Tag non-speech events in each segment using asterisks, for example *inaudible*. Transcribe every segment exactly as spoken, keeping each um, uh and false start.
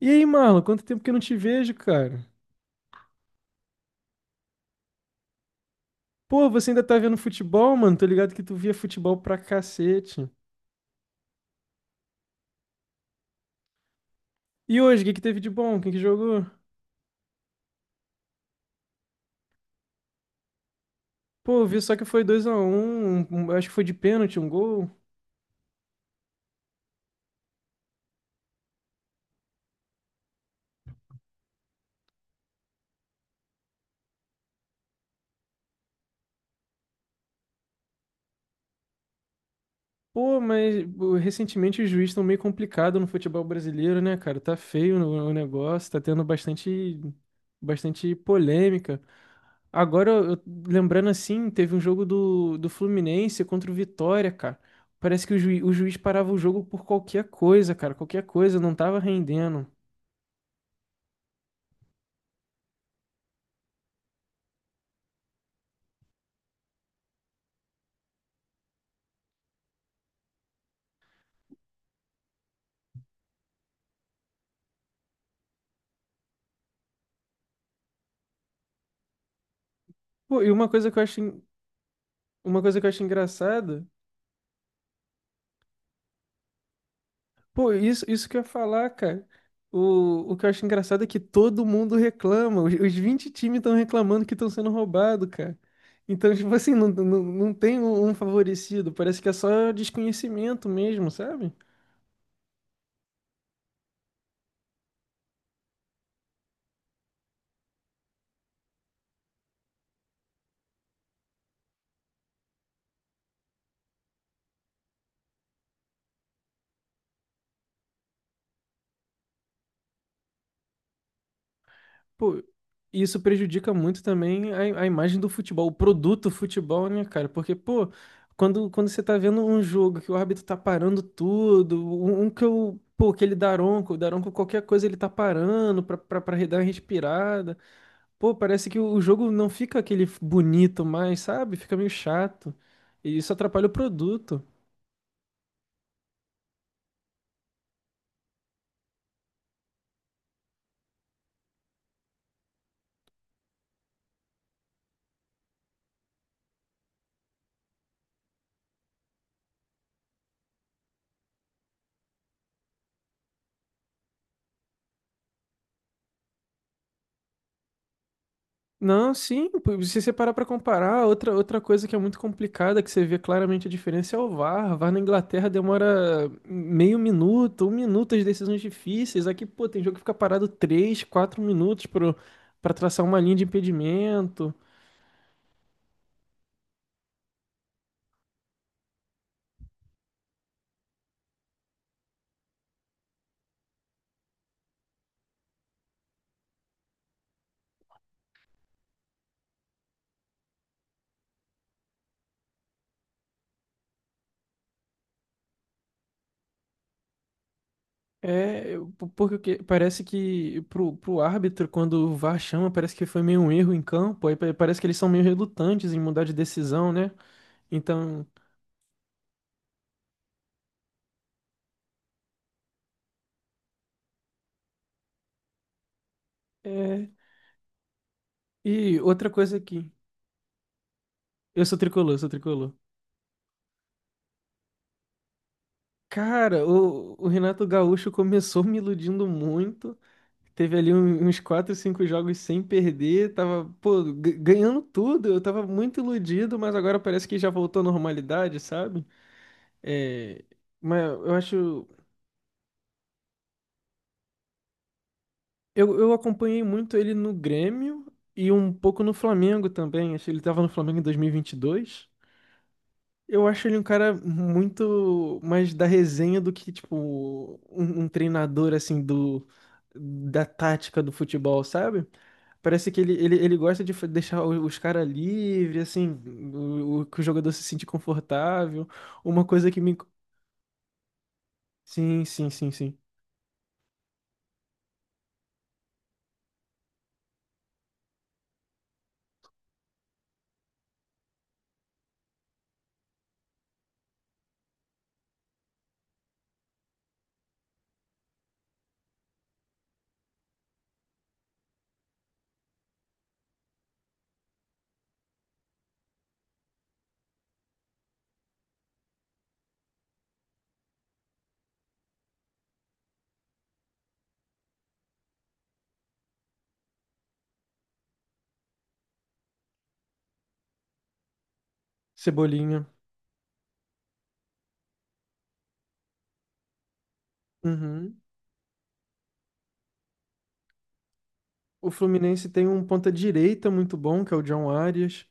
E aí, Marlon, quanto tempo que eu não te vejo, cara? Pô, você ainda tá vendo futebol, mano? Tô ligado que tu via futebol pra cacete. E hoje, o que que teve de bom? Quem que jogou? Pô, eu vi só que foi dois a um. um- acho que foi de pênalti, um gol. Pô, mas pô, recentemente os juízes estão meio complicado no futebol brasileiro, né, cara? Tá feio o o negócio, tá tendo bastante, bastante polêmica. Agora, eu, eu- lembrando assim, teve um jogo do, do Fluminense contra o Vitória, cara. Parece que o, juiz o juiz parava o jogo por qualquer coisa, cara. Qualquer coisa, não tava rendendo. Pô, e uma coisa que eu acho, en- uma coisa que eu acho engraçada. Pô, isso, isso que eu ia falar, cara. O, o que eu acho engraçado é que todo mundo reclama. Os, os vinte times estão reclamando que estão sendo roubados, cara. Então, tipo assim, não, não, não tem um um favorecido. Parece que é só desconhecimento mesmo, sabe? Pô, isso prejudica muito também a, a imagem do futebol, o produto futebol, né, cara? Porque, pô, quando, quando você tá vendo um jogo que o árbitro tá parando tudo, um, um que eu. Pô, aquele Daronco, o Daronco, qualquer coisa ele tá parando pra, pra, pra dar uma respirada. Pô, parece que o jogo não fica aquele bonito mais, sabe? Fica meio chato. E isso atrapalha o produto. Não, sim, pô, se você parar pra comparar, outra, outra coisa que é muito complicada, que você vê claramente a diferença é o VAR. O VAR na Inglaterra demora meio minuto, um minuto as decisões difíceis. Aqui, pô, tem jogo que fica parado três, quatro minutos pro, pra traçar uma linha de impedimento. É, eu- po- porque o que- parece que pro, pro árbitro, quando o VAR chama, parece que foi meio um erro em campo, aí pa- parece que eles são meio relutantes em mudar de decisão, né? Então, é. E outra coisa aqui, eu sou tricolor, sou tricolor. Cara, o, o Renato Gaúcho começou me iludindo muito. Teve ali um- uns quatro cinco jogos sem perder. Tava, pô, g- ganhando tudo. Eu tava muito iludido, mas agora parece que já voltou à normalidade, sabe? É, mas eu acho. Eu, eu acompanhei muito ele no Grêmio e um pouco no Flamengo também. Acho que ele tava no Flamengo em dois mil e e vinte e dois. Eu acho ele um cara muito mais da resenha do que, tipo, um, um treinador, assim, do, da tática do futebol, sabe? Parece que ele, ele, ele gosta de fa- deixar o- os caras livres, assim, o, o- que o jogador se sente confortável. Uma coisa que me... Sim, sim, sim, sim. Cebolinha. Uhum. O Fluminense tem um ponta-direita muito bom, que é o John Arias.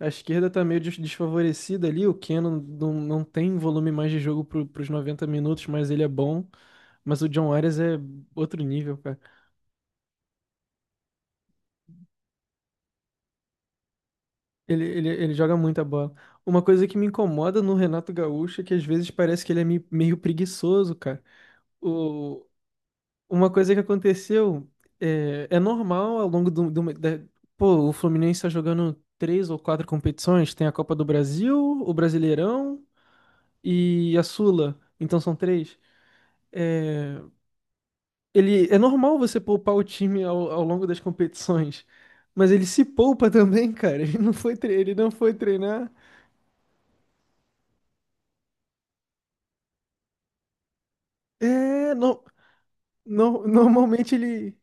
A esquerda tá meio des- desfavorecida ali. O Keno não, não tem volume mais de jogo para os noventa minutos, mas ele é bom. Mas o John Arias é outro nível, cara. Ele, ele, ele joga muita bola. Uma coisa que me incomoda no Renato Gaúcho é que às vezes parece que ele é me- meio preguiçoso, cara. Uma coisa que aconteceu é, é normal ao longo do, do- da- pô, o Fluminense está jogando três ou quatro competições, tem a Copa do Brasil, o Brasileirão e a Sula, então são três. É, ele é normal você poupar o time ao, ao longo das competições, mas ele se poupa *laughs* também, cara. Ele não foi, tre- ele não foi treinar. É, no, no- normalmente ele.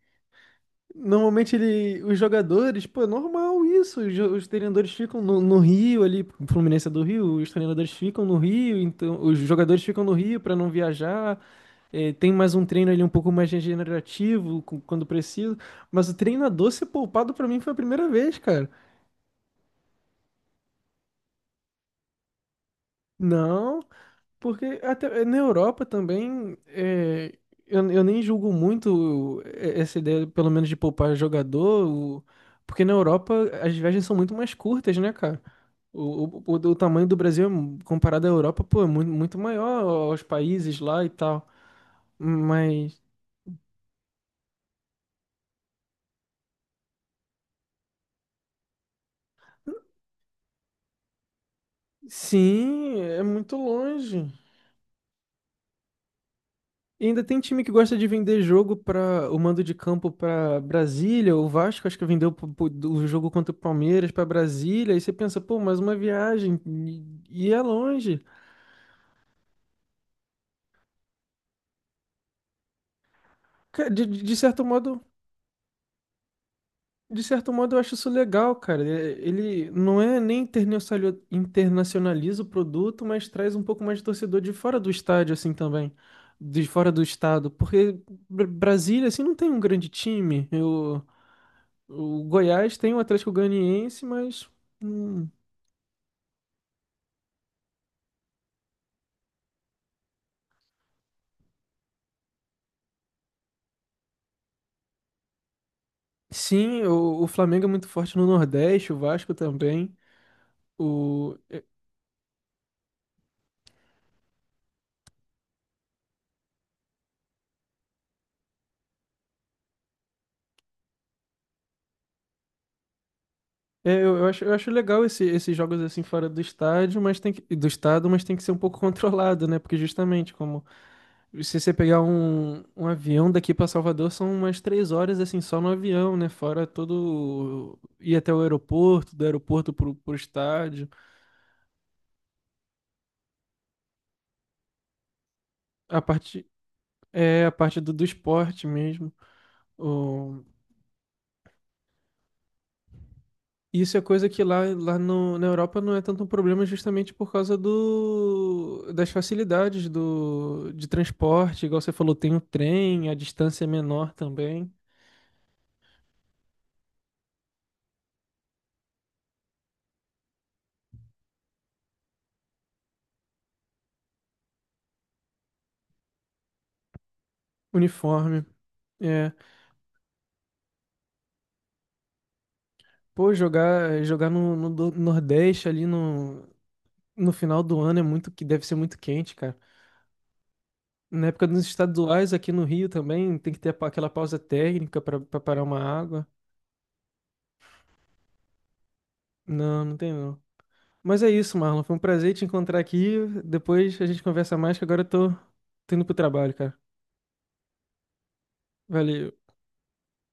Normalmente ele, os jogadores, pô, é normal isso. Os, jo- os treinadores ficam no, no Rio ali, o Fluminense é do Rio, os treinadores ficam no Rio, então os jogadores ficam no Rio para não viajar. É, tem mais um treino ali um pouco mais regenerativo com- quando preciso. Mas o treinador ser poupado pra mim foi a primeira vez, cara. Não, porque até eh, na Europa também, é, eu, eu nem julgo muito é, essa ideia, pelo menos de poupar jogador, o- porque na Europa as viagens são muito mais curtas, né, cara? O, o, o, o tamanho do Brasil, comparado à Europa, pô, é muito, muito maior aos países lá e tal. Mas, sim, é muito longe. E ainda tem um time que gosta de vender jogo para o mando de campo para Brasília, o Vasco acho que vendeu pro- pro- o jogo contra o Palmeiras para Brasília, e você pensa, pô, mais uma viagem e, e é longe. Ca- De, de de certo modo, de certo modo eu acho isso legal, cara. É, ele não é nem internacionali- internacionaliza o produto, mas traz um pouco mais de torcedor de fora do estádio assim também, de fora do estado, porque Br- Brasília assim não tem um grande time. Eu O Goiás tem o Atlético Goianiense, mas hum, sim, o, o Flamengo é muito forte no Nordeste, o Vasco também. O, é, eu, eu acho, eu acho legal esse- esses jogos assim fora do estádio, mas tem que, do estado, mas tem que ser um pouco *laughs* controlado, né? Porque justamente como se você pegar um, um avião daqui para Salvador, são umas três horas assim só no avião, né? Fora todo ir até o aeroporto, do aeroporto pro, pro estádio, a parte é a parte do, do esporte mesmo. Isso é coisa que lá, lá no, na Europa não é tanto um problema justamente por causa do, das facilidades do, de transporte. Igual você falou, tem o trem, a distância é menor também. Uniforme. É. Pô, jogar, jogar no, no do- Nordeste ali no, no final do ano é muito que deve ser muito quente, cara. Na época dos estaduais aqui no Rio também tem que ter pa- aquela pausa técnica para parar uma água. Não, não tem não. Mas é isso, Marlon. Foi um prazer te encontrar aqui. Depois a gente conversa mais, que agora eu tô, tô indo pro trabalho, cara. Valeu.